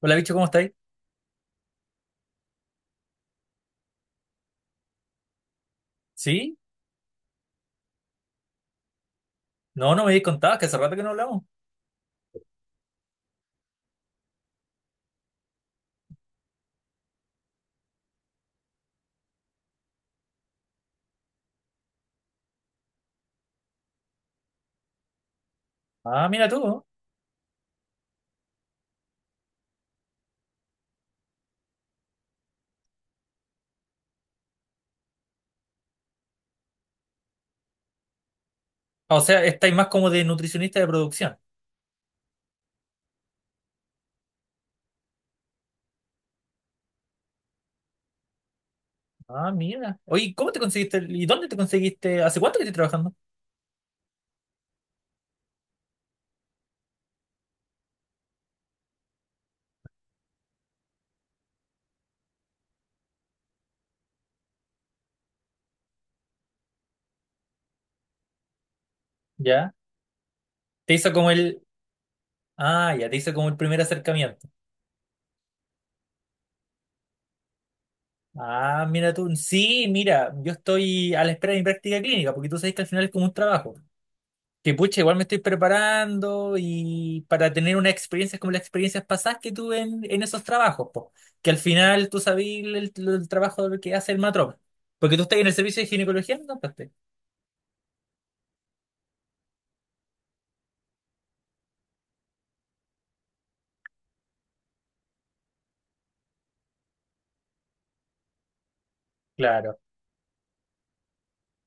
Hola, bicho, ¿cómo estáis? ¿Sí? No, no me habéis contado, que hace rato que no hablamos. Ah, mira tú. ¿No? Ah, o sea, estáis más como de nutricionista de producción. Ah, mira. Oye, ¿cómo te conseguiste? ¿Y dónde te conseguiste? ¿Hace cuánto que estás trabajando? Ya. Te hizo como el... Ah, ya, te hizo como el primer acercamiento. Ah, mira tú. Sí, mira, yo estoy a la espera de mi práctica clínica, porque tú sabes que al final es como un trabajo. Que pucha, igual me estoy preparando y para tener unas experiencias como las experiencias pasadas que tuve en esos trabajos, po. Que al final tú sabías el trabajo que hace el matrón. Porque tú estás en el servicio de ginecología, ¿no? Pues, claro,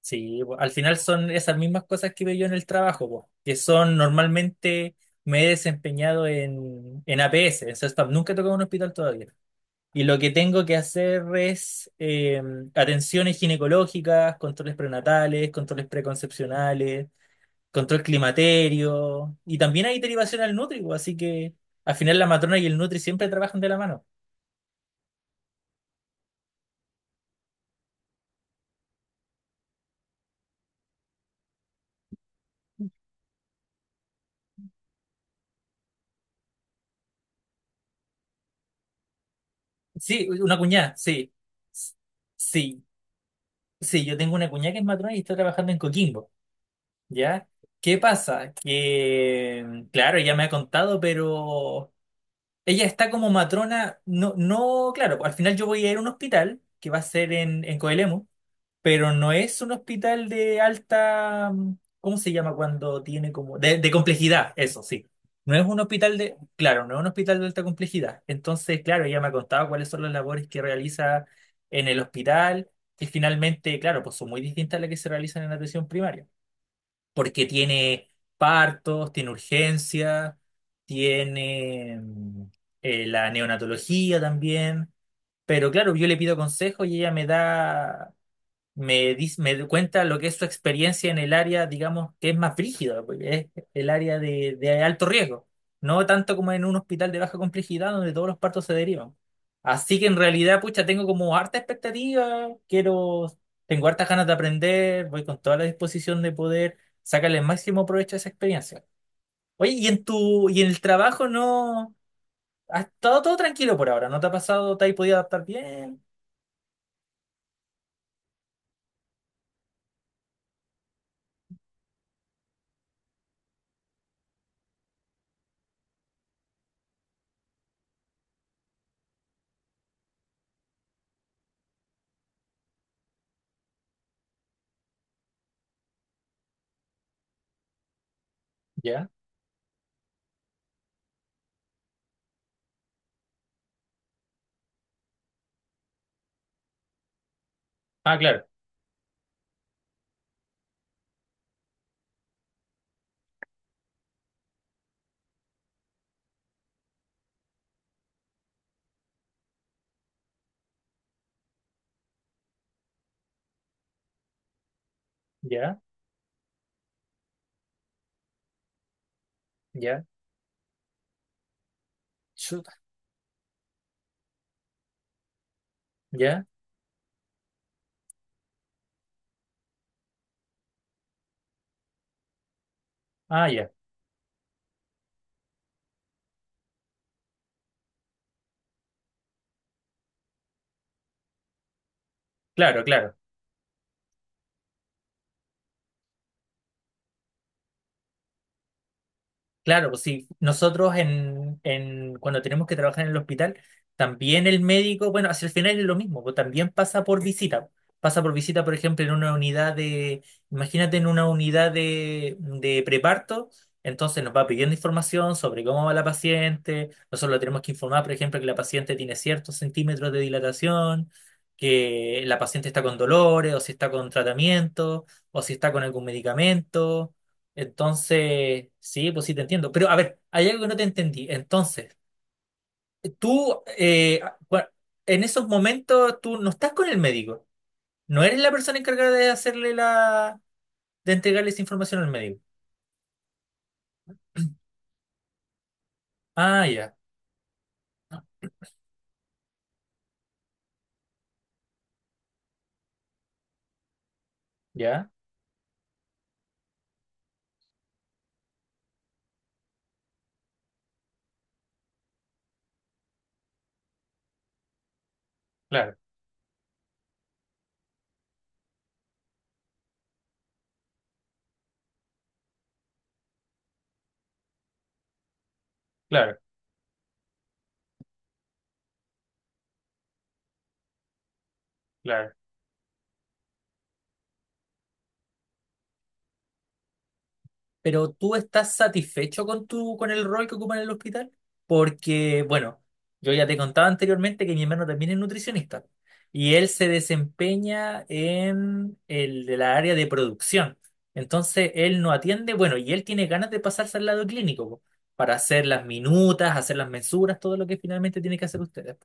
sí, po. Al final son esas mismas cosas que veo yo en el trabajo, po. Que son normalmente me he desempeñado en APS, en SESPAM, nunca he tocado un hospital todavía. Y lo que tengo que hacer es atenciones ginecológicas, controles prenatales, controles preconcepcionales, control climaterio, y también hay derivación al Nutri, pues, así que al final la matrona y el Nutri siempre trabajan de la mano. Sí, una cuñada, sí. Sí, sí, yo tengo una cuñada que es matrona y está trabajando en Coquimbo, ¿ya? ¿Qué pasa? Que, claro, ella me ha contado, pero ella está como matrona, no, no, claro, al final yo voy a ir a un hospital que va a ser en Coelemu, pero no es un hospital de alta, mm, ¿cómo se llama cuando tiene como, de complejidad, eso sí. No es un hospital de, claro, no es un hospital de alta complejidad. Entonces, claro, ella me ha contado cuáles son las labores que realiza en el hospital, que finalmente, claro, pues son muy distintas a las que se realizan en la atención primaria, porque tiene partos, tiene urgencia, tiene mm, la neonatología también. Pero claro, yo le pido consejo y ella me da me, me cuenta lo que es su experiencia en el área, digamos, que es más brígida, porque es el área de alto riesgo, no tanto como en un hospital de baja complejidad donde todos los partos se derivan. Así que en realidad, pucha, tengo como harta expectativa, quiero, tengo hartas ganas de aprender, voy con toda la disposición de poder sacarle el máximo provecho a esa experiencia. Oye, y en tu, y en el trabajo no, ha estado todo tranquilo por ahora, ¿no te ha pasado, te has podido adaptar bien? Ya. Ah, claro. Ya, ya. Chuta. Ya. Ah, ya, claro, claro. Claro, pues sí, nosotros cuando tenemos que trabajar en el hospital, también el médico, bueno, hacia el final es lo mismo, pues también pasa por visita. Pasa por visita, por ejemplo, en una unidad de, imagínate en una unidad de preparto, entonces nos va pidiendo información sobre cómo va la paciente, nosotros le tenemos que informar, por ejemplo, que la paciente tiene ciertos centímetros de dilatación, que la paciente está con dolores, o si está con tratamiento, o si está con algún medicamento. Entonces, sí, pues sí te entiendo. Pero a ver, hay algo que no te entendí. Entonces, tú, en esos momentos, tú no estás con el médico. No eres la persona encargada de hacerle la, de entregarle esa información al médico. Ah, ya, ya, claro, claro, claro. ¿Pero tú estás satisfecho con tu, con el rol que ocupa en el hospital? Porque, bueno, yo ya te contaba anteriormente que mi hermano también es nutricionista y él se desempeña en el de la área de producción. Entonces, él no atiende, bueno, y él tiene ganas de pasarse al lado clínico po, para hacer las minutas, hacer las mensuras, todo lo que finalmente tiene que hacer usted.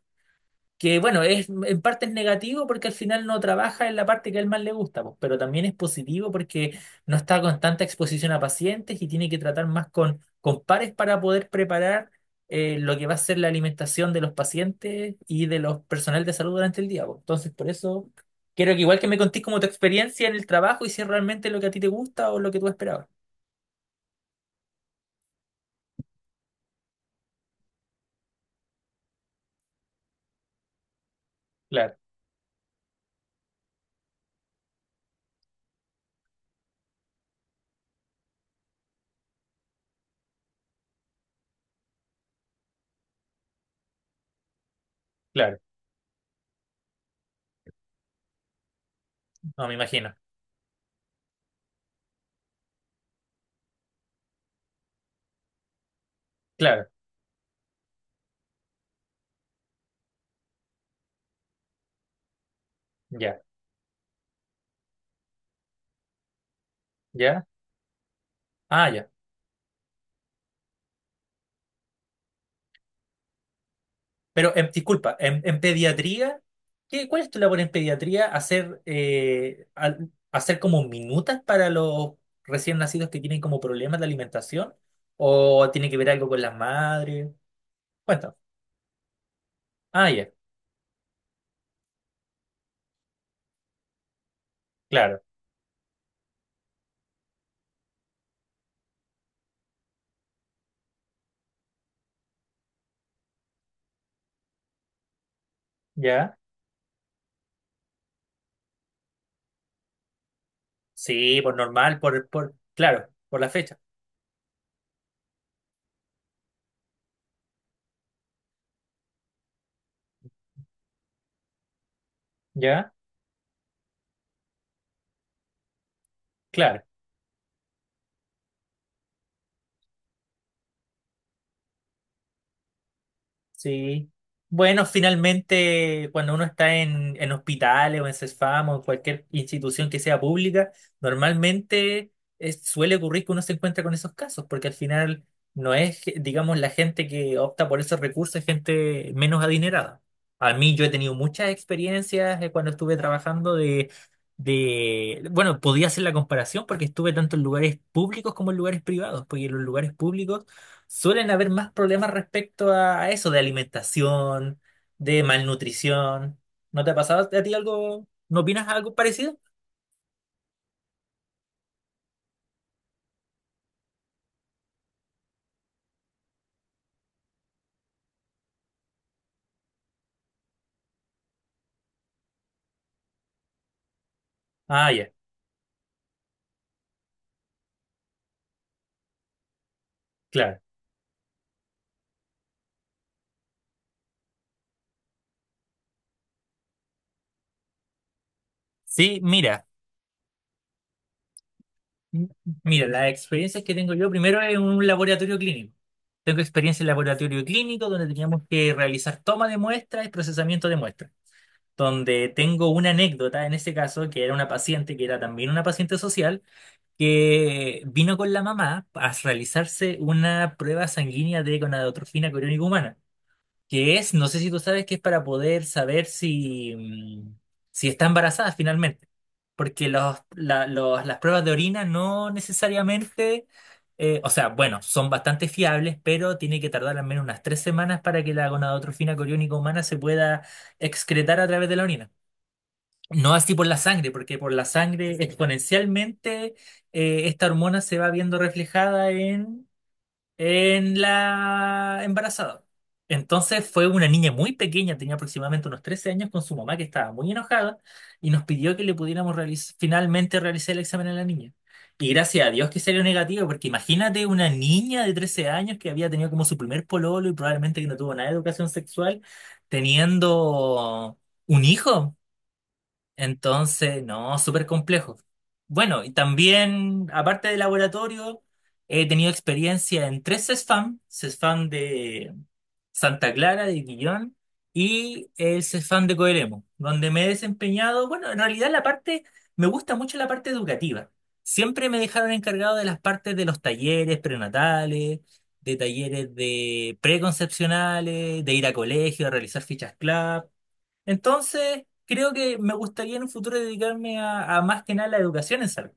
Que bueno, es en parte es negativo porque al final no trabaja en la parte que a él más le gusta, pues, pero también es positivo porque no está con tanta exposición a pacientes y tiene que tratar más con pares para poder preparar lo que va a ser la alimentación de los pacientes y de los personal de salud durante el día, pues. Entonces, por eso quiero que igual que me contés como tu experiencia en el trabajo y si es realmente lo que a ti te gusta o lo que tú esperabas. Claro, claro, no me imagino. Claro, ya, ya. Ah, ya. Pero, disculpa, en pediatría, ¿qué, cuál es tu labor en pediatría? ¿Hacer, hacer como minutas para los recién nacidos que tienen como problemas de alimentación? ¿O tiene que ver algo con las madres? Cuéntame. Ah, ya, claro. ¿Ya? Sí, por normal, por, claro, por la fecha. ¿Ya? Claro. Sí. Bueno, finalmente, cuando uno está en hospitales o en CESFAM o en cualquier institución que sea pública, normalmente suele ocurrir que uno se encuentra con esos casos, porque al final no es, digamos, la gente que opta por esos recursos, es gente menos adinerada. A mí yo he tenido muchas experiencias cuando estuve trabajando de, bueno, podía hacer la comparación porque estuve tanto en lugares públicos como en lugares privados, porque en los lugares públicos suelen haber más problemas respecto a eso, de alimentación, de malnutrición. ¿No te ha pasado a ti algo? ¿No opinas algo parecido? Ah, ya, claro. Sí, mira, m- mira, las experiencias que tengo yo, primero en un laboratorio clínico. Tengo experiencia en laboratorio clínico donde teníamos que realizar toma de muestras y procesamiento de muestras, donde tengo una anécdota en ese caso, que era una paciente, que era también una paciente social. Que vino con la mamá a realizarse una prueba sanguínea de gonadotrofina coriónica humana, que es, no sé si tú sabes, que es para poder saber si, mm, si está embarazada finalmente, porque los, las pruebas de orina no necesariamente, o sea, bueno, son bastante fiables, pero tiene que tardar al menos unas 3 semanas para que la gonadotrofina coriónica humana se pueda excretar a través de la orina. No así por la sangre, porque por la sangre exponencialmente esta hormona se va viendo reflejada en la embarazada. Entonces fue una niña muy pequeña, tenía aproximadamente unos 13 años, con su mamá que estaba muy enojada y nos pidió que le pudiéramos finalmente realizar el examen a la niña. Y gracias a Dios que salió negativo, porque imagínate una niña de 13 años que había tenido como su primer pololo y probablemente que no tuvo nada de educación sexual, teniendo un hijo. Entonces, no, súper complejo. Bueno, y también, aparte de laboratorio, he tenido experiencia en 3 CESFAM, CESFAM de Santa Clara, de Quillón, y el CESFAM de Coelemo, donde me he desempeñado, bueno, en realidad la parte, me gusta mucho la parte educativa. Siempre me dejaron encargado de las partes de los talleres prenatales, de talleres de preconcepcionales, de ir a colegio, a realizar fichas club. Entonces, creo que me gustaría en un futuro dedicarme a más que nada la educación en salud.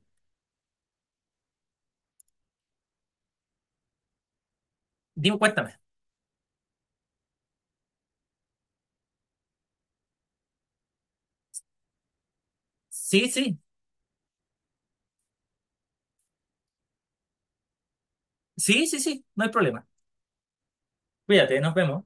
Dime, cuéntame. Sí, sí, sí, sí, sí, no hay problema. Cuídate, nos vemos.